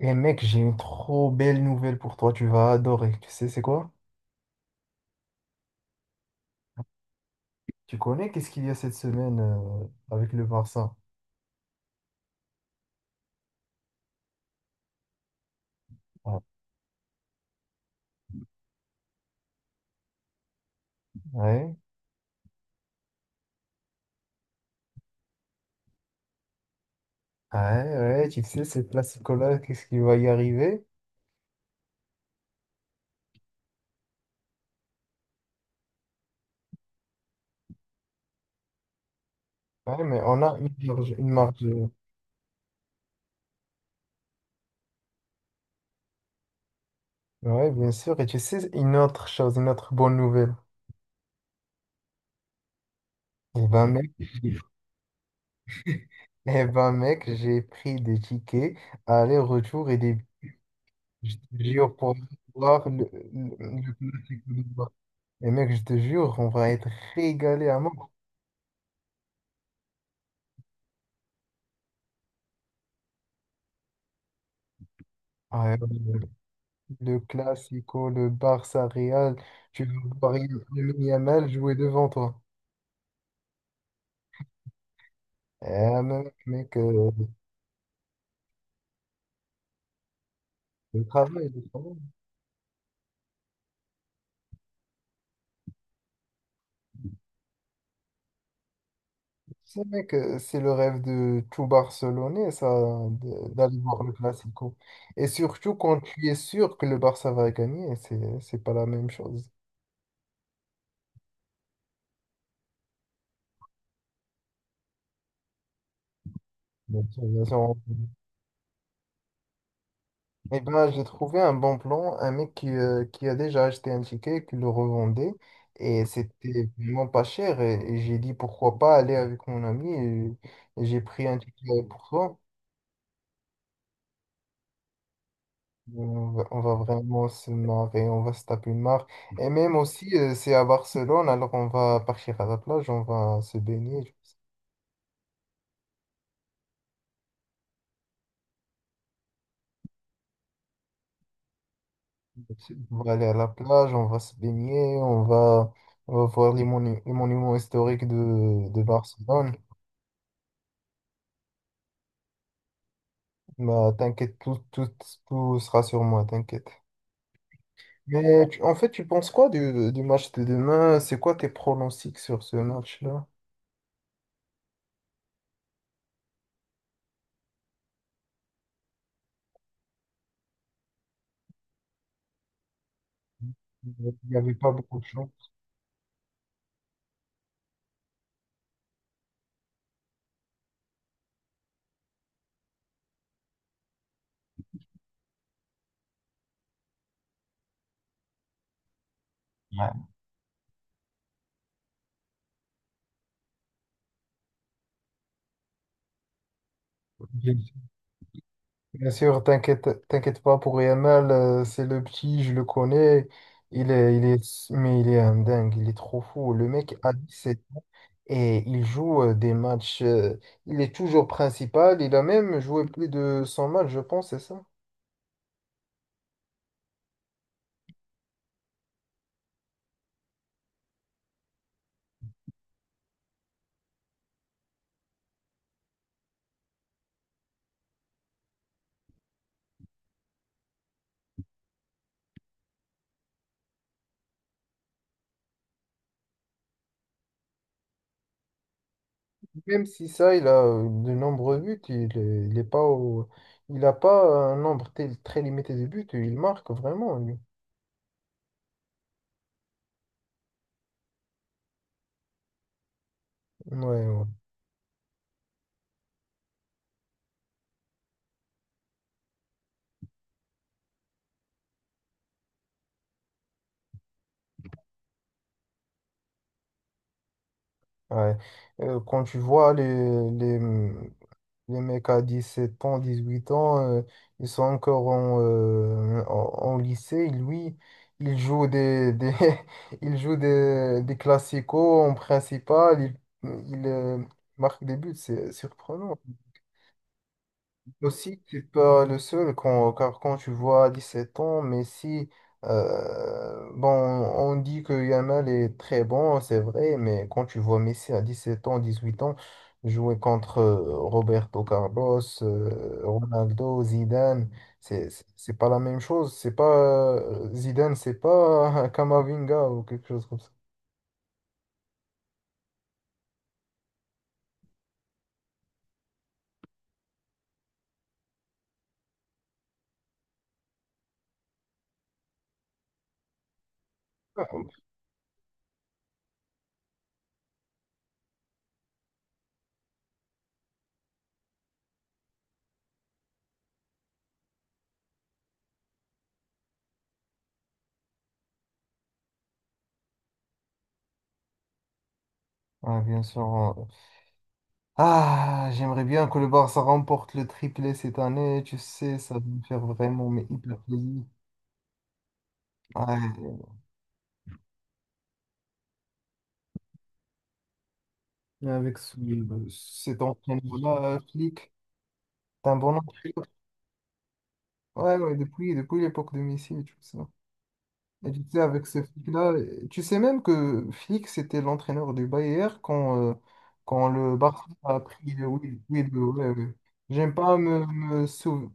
Et mec, j'ai une trop belle nouvelle pour toi, tu vas adorer. Tu sais, c'est quoi? Tu connais qu'est-ce qu'il y a cette semaine avec le Barça? Ouais, ouais, ouais, ouais, tu sais, ce classico-là, qu'est-ce qui va y arriver? Ouais, mais on a une marge, une marge. Ouais, bien sûr. Et tu sais, une autre chose, une autre bonne nouvelle. Eh ben, mec, j'ai pris des tickets aller-retour et des je te jure pour voir le classico du Barça. Et mec, je te jure, on va être régalé à mort. Ouais, le Classico, le Barça Real, tu vas voir Lamine Yamal jouer devant toi. Eh, mec, le travail, le travail. Tu sais, mec, c'est le rêve de tout Barcelonais, ça, d'aller voir le Classico. Et surtout quand tu es sûr que le Barça va gagner, c'est pas la même chose. Bien sûr, bien sûr. Eh ben, j'ai trouvé un bon plan, un mec qui a déjà acheté un ticket, qui le revendait, et c'était vraiment pas cher, et j'ai dit pourquoi pas aller avec mon ami, et j'ai pris un ticket pour toi. On va vraiment se marrer, on va se taper une marre. Et même aussi, c'est à Barcelone, alors on va partir à la plage, on va se baigner, je pense. On va aller à la plage, on va se baigner, on va voir les monuments historiques de Barcelone. Bah, t'inquiète, tout sera sur moi, t'inquiète. Mais en fait, tu penses quoi du match de demain? C'est quoi tes pronostics sur ce match-là? Il n'y avait pas beaucoup de chance. Ouais. Bien bien sûr, t'inquiète pas pour Yamal, c'est le petit, je le connais. Mais il est un dingue, il est trop fou. Le mec a 17 ans et il joue des matchs. Il est toujours principal, il a même joué plus de 100 matchs, je pense, c'est ça? Même si ça, il a de nombreux buts, il n'a pas un nombre très limité de buts, il marque vraiment, lui. Ouais, ouais, ouais. Quand tu vois les, les mecs à 17 ans, 18 ans, ils sont encore en lycée, lui, il joue des, il joue des classicos en principal, il marque des buts, c'est surprenant. Aussi, tu peux le seul quand, car quand tu vois 17 ans, mais si, bon, on dit que Yamal est très bon, c'est vrai, mais quand tu vois Messi à 17 ans, 18 ans, jouer contre Roberto Carlos, Ronaldo, Zidane, c'est pas la même chose. C'est pas, Zidane, c'est pas Camavinga ou quelque chose comme ça. Ouais, bien sûr. Ah, j'aimerais bien que le Barça remporte le triplé cette année. Tu sais, ça va me faire vraiment mais hyper plaisir. Ouais, et avec cet entraîneur-là, Flick, c'est un bon entraîneur. Ouais, ouais, depuis l'époque de Messi et tout ça. Et tu sais, avec ce Flick-là, tu sais même que Flick, c'était l'entraîneur du Bayern quand le Barça a pris. Oui, oui, oui, ouais, ouais. J'aime pas me, me sou-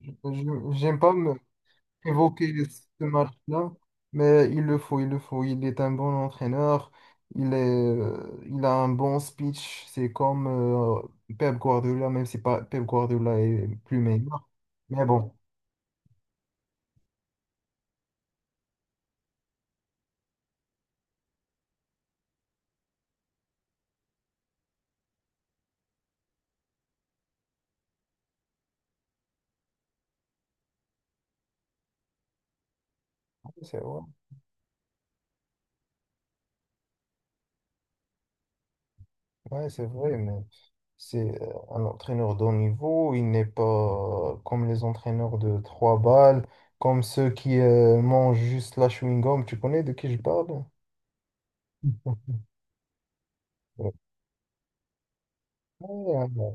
J'aime pas me, évoquer ce match-là, mais il le faut, il le faut. Il est un bon entraîneur, il a un bon speech. C'est comme Pep Guardiola, même si pas, Pep Guardiola est plus meilleur. Mais bon, c'est vrai. Ouais, c'est vrai, mais c'est un entraîneur de haut niveau. Il n'est pas comme les entraîneurs de trois balles, comme ceux qui mangent juste la chewing-gum. Tu connais de qui je parle? Ouais, ouais. Ouais.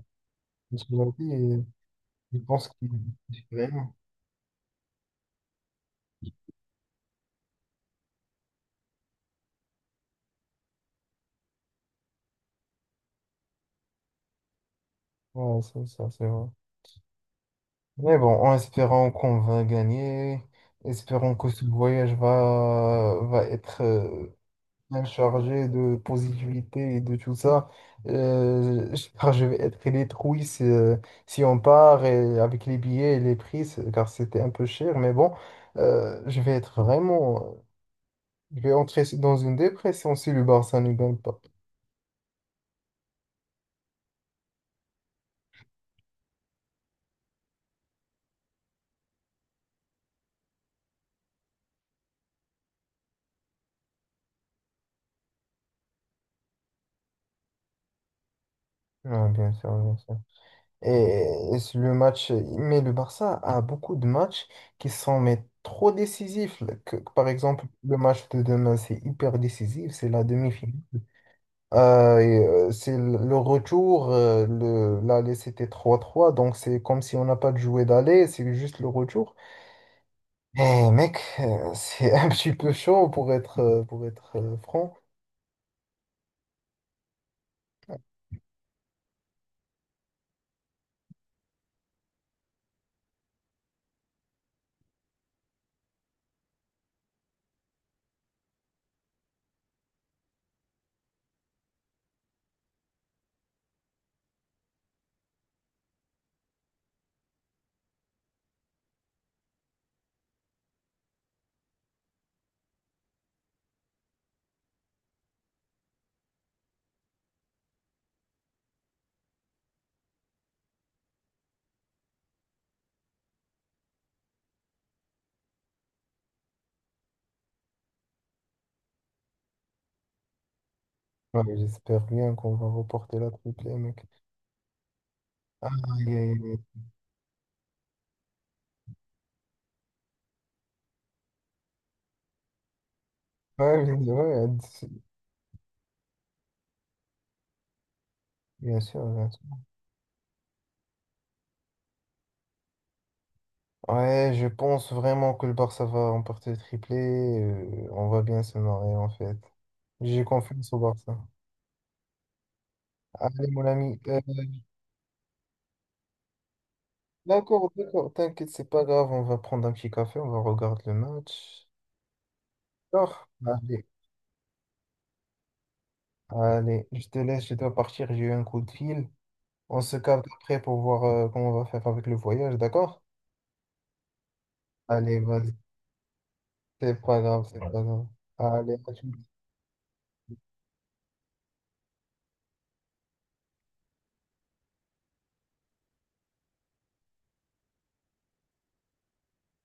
Parce que j'avais dit, je pense qu'il vraiment. Ouais, c'est ça, c'est vrai. Mais bon, en espérant qu'on va gagner, espérons que ce voyage va être même chargé de positivité et de tout ça. Je Car je vais être détruit si on part et avec les billets et les prix, car c'était un peu cher. Mais bon, je vais être vraiment. Je vais entrer dans une dépression si le Barça ne gagne pas. Ah, bien sûr, bien sûr. Et, et c'est le match, mais le Barça a beaucoup de matchs qui sont mais, trop décisifs. Par exemple, le match de demain, c'est hyper décisif, c'est la demi-finale. Euh, et, c'est le retour, l'aller c'était 3-3 donc c'est comme si on n'a pas de jouet d'aller, c'est juste le retour. Eh mec, c'est un petit peu chaud pour être franc. Ouais, j'espère bien qu'on va reporter la triplée, mec. Ah, aïe, aïe, aïe. Ouais, bien sûr, ouais, bien sûr. Bien sûr. Ouais, je pense vraiment que le Barça va remporter le triplé. On va bien se marrer en fait. J'ai confiance au Barça. Allez, mon ami. D'accord, d'accord, t'inquiète, c'est pas grave, on va prendre un petit café, on va regarder le match. D'accord, allez, allez, je te laisse, je dois partir, j'ai eu un coup de fil. On se capte après pour voir comment on va faire avec le voyage, d'accord? Allez, vas-y, c'est pas grave, c'est pas grave. Allez, à tout